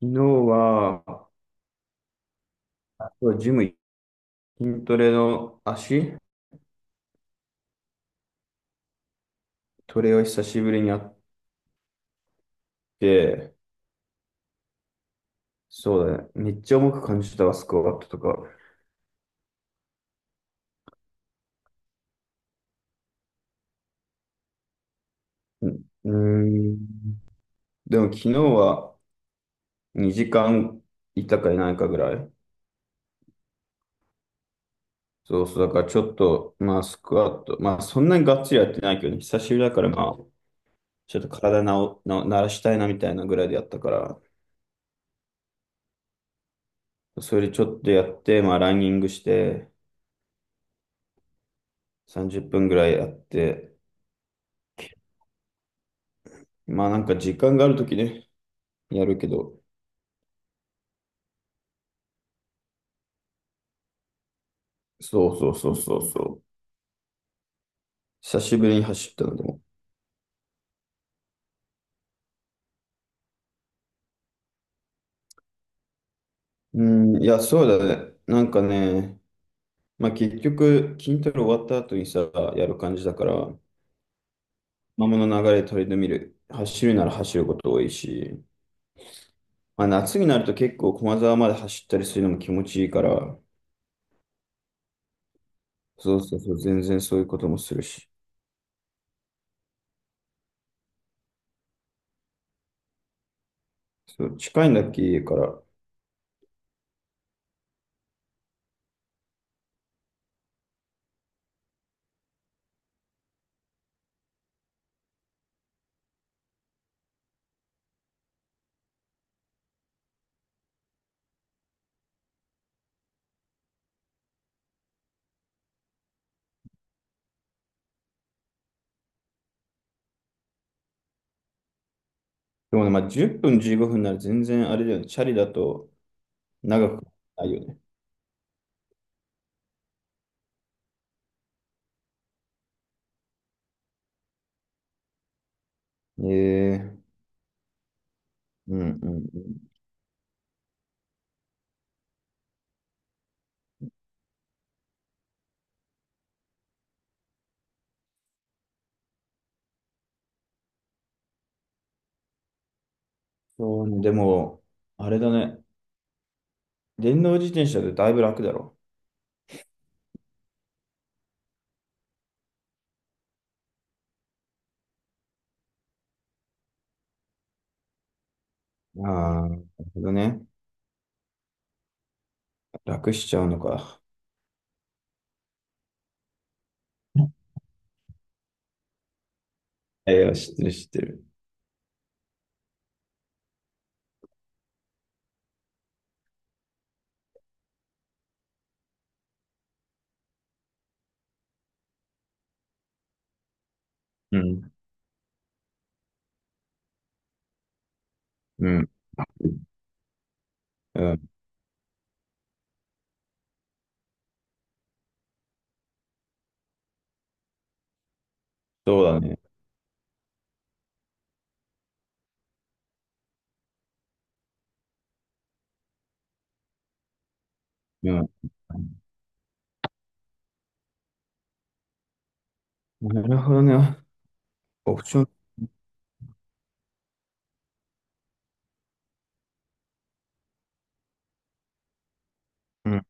昨日は、あとはジム、筋トレの足トレを久しぶりにやって、そうだね。めっちゃ重く感じたわ、スクワットとか。うん。ーんでも昨日は2時間いたかいないかぐらい。そうそう。だからちょっと、まあスクワット、まあそんなにがっつりやってないけどね、久しぶりだからまあ、ちょっと体なお、な、慣らしたいなみたいなぐらいでやったから、それでちょっとやって、まあランニングして、30分ぐらいやって、まあなんか時間があるときね、やるけど、そうそうそうそうそう。久しぶりに走ったのでも。うん、いや、そうだね。なんかね、まあ結局、筋トレ終わった後にさ、やる感じだから、まあ物の流れ取り留める。走るなら走ること多いし、まあ夏になると結構駒沢まで走ったりするのも気持ちいいから、そうそうそう、全然そういうこともするし。そう、近いんだっけ、家から。でもね、まあ10分15分なら全然あれだよね、チャリだと長くないよね。ええ、うんうんうん。そうね、でも、あれだね。電動自転車でだいぶ楽だろ。ああ、なるほどね。楽しちゃうのか。いや、知ってる知ってる。うん、うん、うん。そうだね。うん。なるほどね。オプション。うん、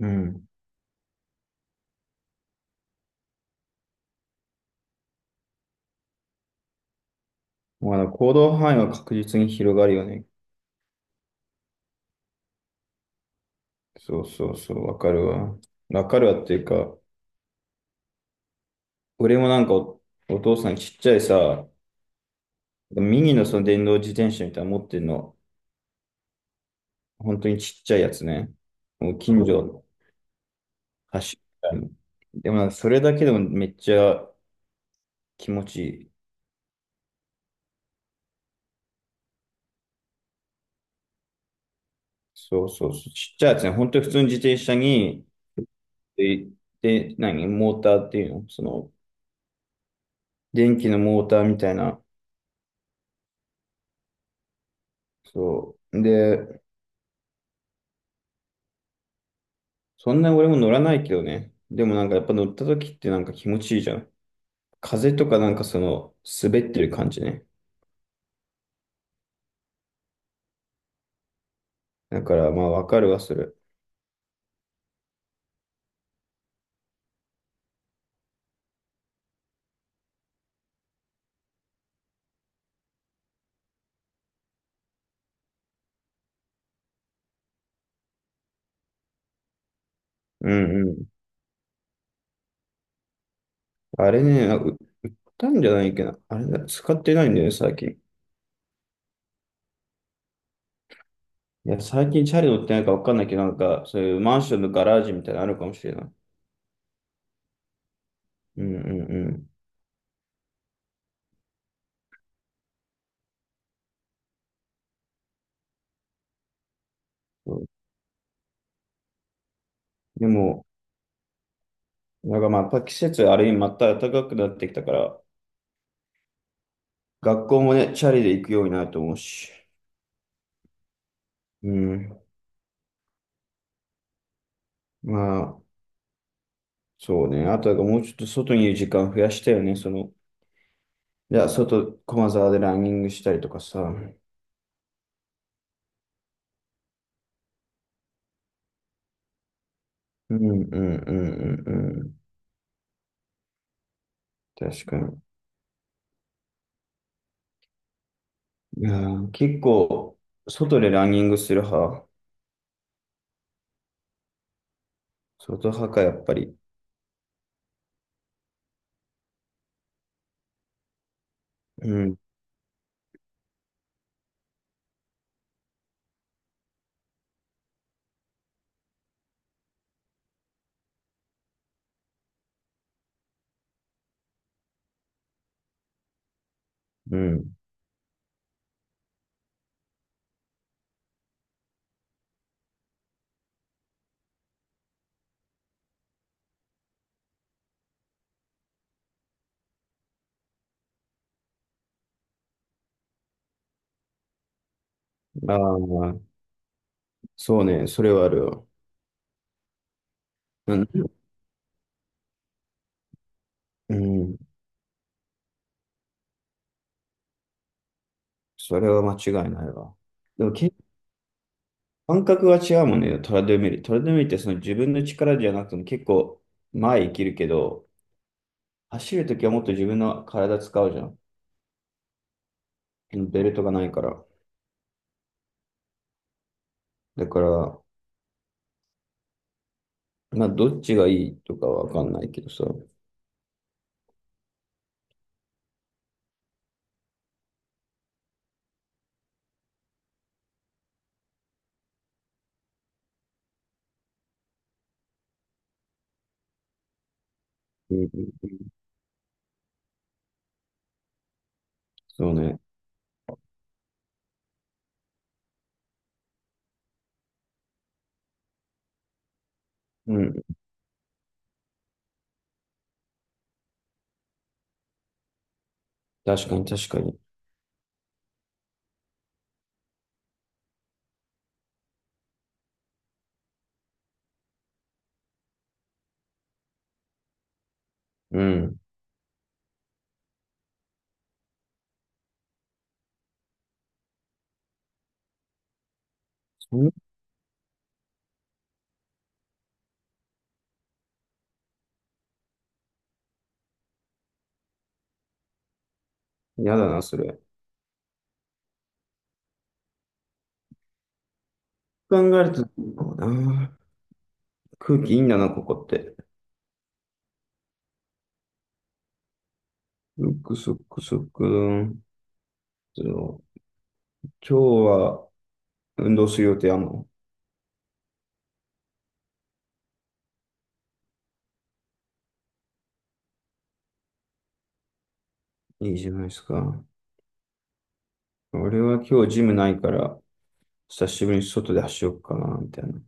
うん。まあ、行動範囲は確実に広がるよね。そうそうそう、わかるわ。わかるわっていうか、俺もなんか、お父さんちっちゃいさ、ミニのその電動自転車みたいなの持ってんの。本当にちっちゃいやつね。もう近所所走るみたいな。でもなんかそれだけでもめっちゃ気持ちいい。そうそうそう。ちっちゃいやつね。本当に普通の自転車に、で、で、何モーターっていうのその、電気のモーターみたいな。そう。で、そんな俺も乗らないけどね。でもなんかやっぱ乗った時ってなんか気持ちいいじゃん。風とかなんかその、滑ってる感じね。だからまあわかるわ、それ。うんうん。あれね、なんかたんじゃないっけど、あれだ、使ってないんだよね、最近。いや、最近チャリ乗ってないかわかんないけど、なんか、そういうマンションのガラージみたいなのあるかもしれない。うんうんうん。そうでも、なんかまあ、やっぱ季節あれにまた暖かくなってきたから、学校もね、チャリで行くようになると思うし。うん。まあ、そうね。あとはもうちょっと外にいる時間増やしたよね。その、じゃあ外、駒沢でランニングしたりとかさ。うんうんうんうんうん。確かに。うん、結構、外でランニングする派。外派か、やっぱり。うん、うん。ああ、そうね、それはあるよ。うん、うん、それは間違いないわ。でも、感覚が違うもんね、トラドミル。トラドミルってその自分の力じゃなくても結構前生きるけど、走るときはもっと自分の体使うじゃん。ベルトがないから。だから、まあ、どっちがいいとかはわかんないけどさ。うん、うんうん、そうね。うん、確かに確かに。うん。やだな、それ。考えると、こうな。空気いいんだな、ここって。そっくそっくそっくどん。そう、今日は運動する予定あんの？いいじゃないですか。俺は今日ジムないから、久しぶりに外で走ろうかな、みたいな。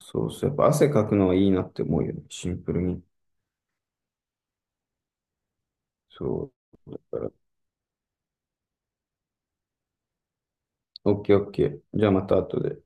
そうそう。やっぱ汗かくのはいいなって思うよね。シンプルに。そう。だから、オッケーオッケー。じゃあまた後で。